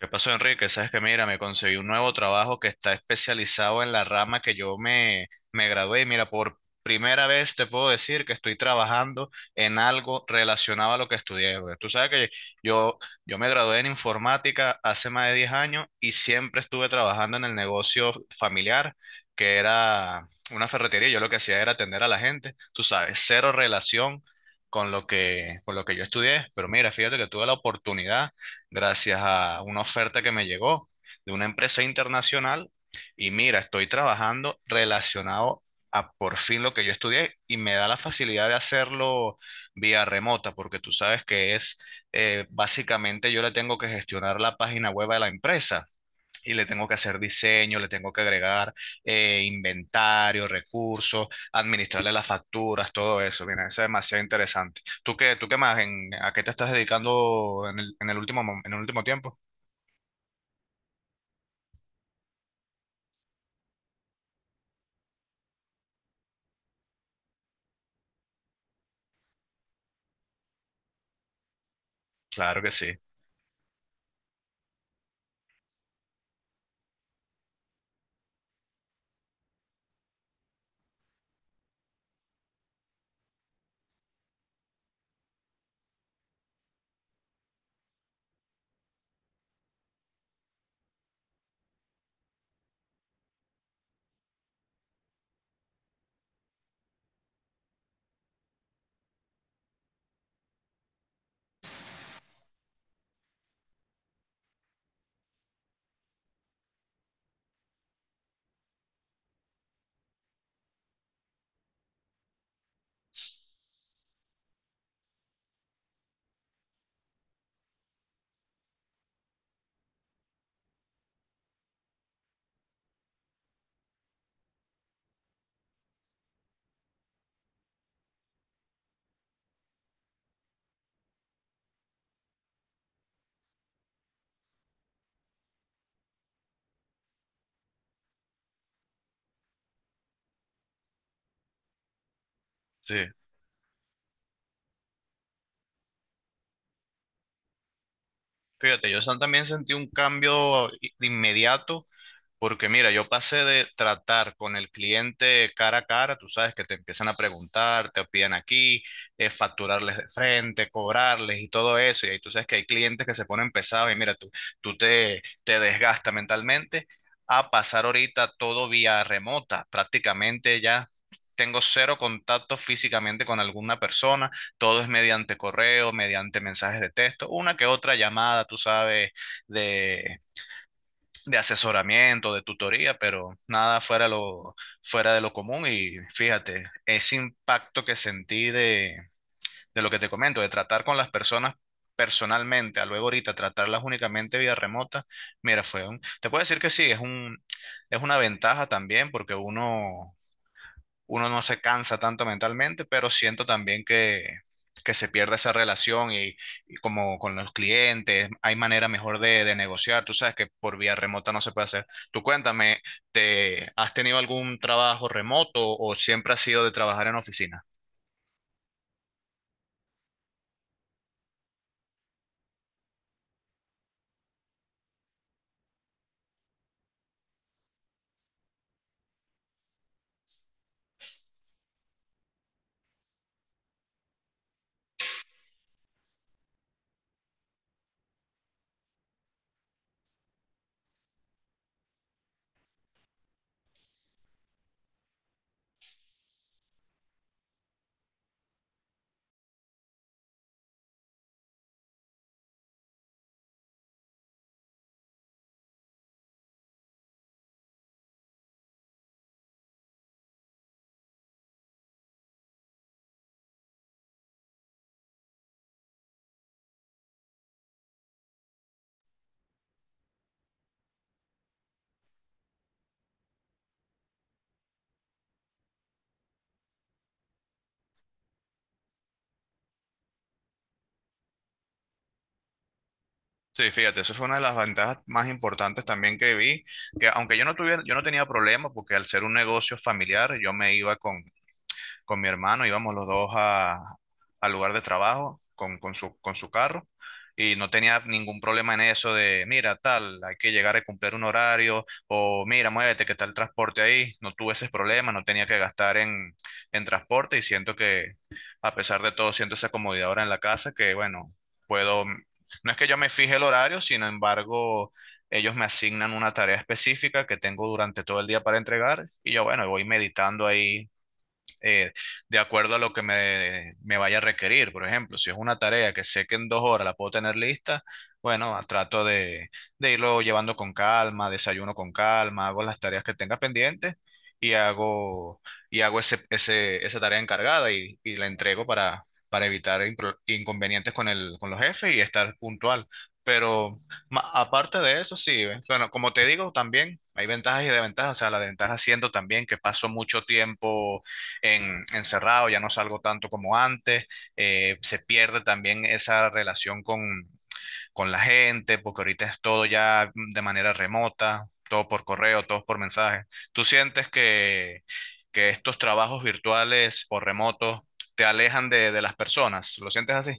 ¿Qué pasó, Enrique? Sabes que mira, me conseguí un nuevo trabajo que está especializado en la rama que yo me gradué. Y mira, por primera vez te puedo decir que estoy trabajando en algo relacionado a lo que estudié, güey. Tú sabes que yo, yo me gradué en informática hace más de 10 años y siempre estuve trabajando en el negocio familiar, que era una ferretería. Yo lo que hacía era atender a la gente. Tú sabes, cero relación con lo que yo estudié. Pero mira, fíjate que tuve la oportunidad gracias a una oferta que me llegó de una empresa internacional y mira, estoy trabajando relacionado a por fin lo que yo estudié y me da la facilidad de hacerlo vía remota, porque tú sabes que es, básicamente yo le tengo que gestionar la página web de la empresa y le tengo que hacer diseño, le tengo que agregar inventario, recursos, administrarle las facturas, todo eso. Mira, eso es demasiado interesante. ¿Tú qué más? ¿A qué te estás dedicando en el último, en el último tiempo? Claro que sí, sí. Fíjate, yo también sentí un cambio inmediato. Porque mira, yo pasé de tratar con el cliente cara a cara, tú sabes que te empiezan a preguntar, te piden aquí, facturarles de frente, cobrarles y todo eso. Y ahí tú sabes que hay clientes que se ponen pesados y mira, tú, tú te desgastas mentalmente a pasar ahorita todo vía remota. Prácticamente ya tengo cero contacto físicamente con alguna persona, todo es mediante correo, mediante mensajes de texto, una que otra llamada, tú sabes, de de asesoramiento, de tutoría, pero nada fuera, fuera de lo común. Y fíjate, ese impacto que sentí de lo que te comento, de tratar con las personas personalmente, a luego ahorita tratarlas únicamente vía remota, mira, fue un, te puedo decir que sí, es un, es una ventaja también porque uno no se cansa tanto mentalmente, pero siento también que se pierde esa relación y como con los clientes, hay manera mejor de negociar, tú sabes que por vía remota no se puede hacer. Tú cuéntame, ¿te has tenido algún trabajo remoto o siempre has sido de trabajar en oficina? Sí, fíjate, eso fue una de las ventajas más importantes también que vi, que aunque yo no tuviera, yo no tenía problema porque al ser un negocio familiar, yo me iba con mi hermano, íbamos los al lugar de trabajo con su carro y no tenía ningún problema en eso de, mira, tal, hay que llegar a cumplir un horario o mira, muévete, que está el transporte ahí. No tuve ese problema, no tenía que gastar en transporte y siento que, a pesar de todo, siento esa comodidad ahora en la casa que, bueno, puedo, no es que yo me fije el horario, sin embargo, ellos me asignan una tarea específica que tengo durante todo el día para entregar y yo, bueno, voy meditando ahí, eh, de acuerdo a lo que me vaya a requerir. Por ejemplo, si es una tarea que sé que en 2 horas la puedo tener lista, bueno, trato de irlo llevando con calma, desayuno con calma, hago las tareas que tenga pendientes y hago, y hago ese, esa tarea encargada y la entrego para evitar inconvenientes con el, con los jefes y estar puntual. Pero aparte de eso, sí, ¿ves? Bueno, como te digo, también hay ventajas y desventajas. O sea, la ventaja siendo también que paso mucho tiempo en, encerrado, ya no salgo tanto como antes, se pierde también esa relación con la gente, porque ahorita es todo ya de manera remota, todo por correo, todo por mensaje. ¿Tú sientes que estos trabajos virtuales o remotos te alejan de las personas? ¿Lo sientes así?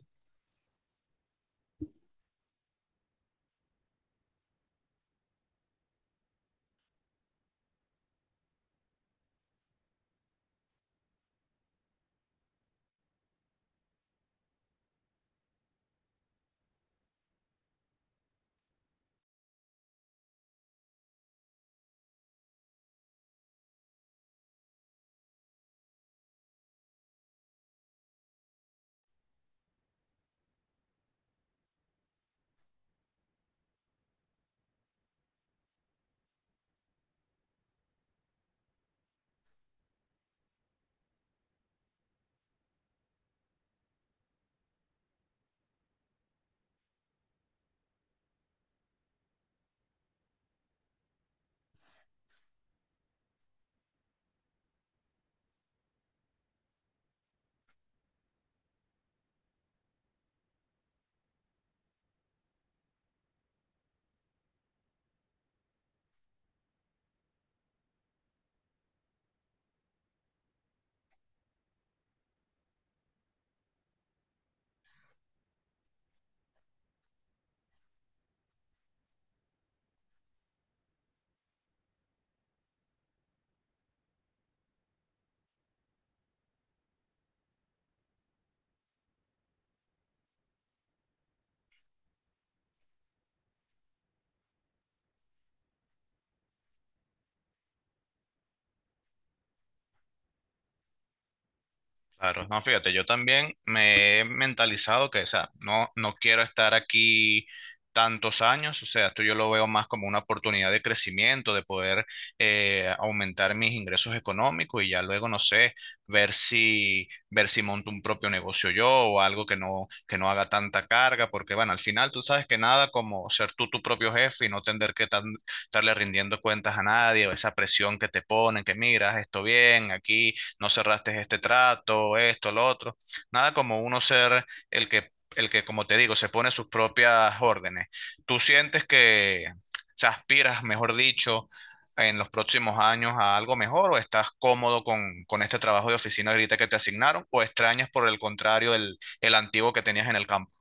Claro, no, fíjate, yo también me he mentalizado que, o sea, no, no quiero estar aquí tantos años, o sea, esto yo lo veo más como una oportunidad de crecimiento, de poder aumentar mis ingresos económicos y ya luego, no sé, ver si monto un propio negocio yo o algo que no haga tanta carga, porque, bueno, al final tú sabes que nada como ser tú tu propio jefe y no tener que estarle rindiendo cuentas a nadie, o esa presión que te ponen, que miras, esto bien, aquí no cerraste este trato, esto, lo otro. Nada como uno ser el que, como te digo, se pone sus propias órdenes. ¿Tú sientes que, se aspiras, mejor dicho, en los próximos años a algo mejor o estás cómodo con este trabajo de oficina ahorita que te asignaron o extrañas por el contrario el antiguo que tenías en el campo?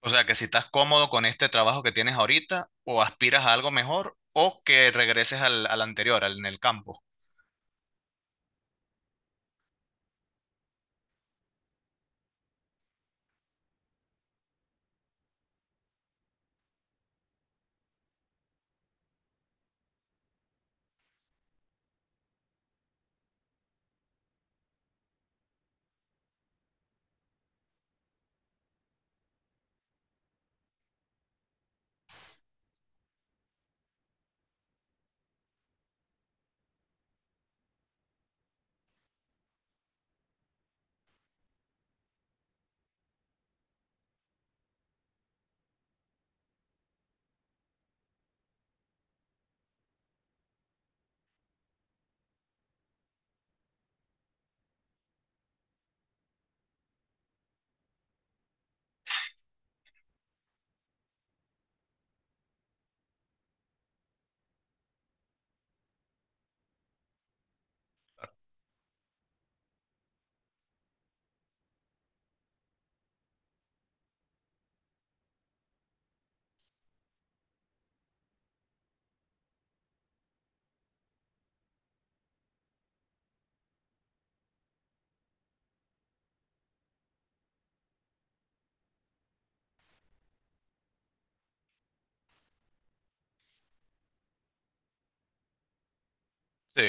O sea, que si estás cómodo con este trabajo que tienes ahorita o aspiras a algo mejor o que regreses al, al anterior, al, en el campo. Sí.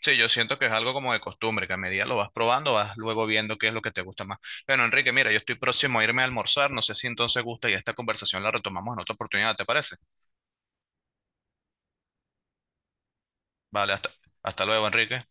Sí, yo siento que es algo como de costumbre, que a medida lo vas probando, vas luego viendo qué es lo que te gusta más. Bueno, Enrique, mira, yo estoy próximo a irme a almorzar, no sé si entonces gusta y esta conversación la retomamos en otra oportunidad, ¿te parece? Vale, hasta, hasta luego, Enrique.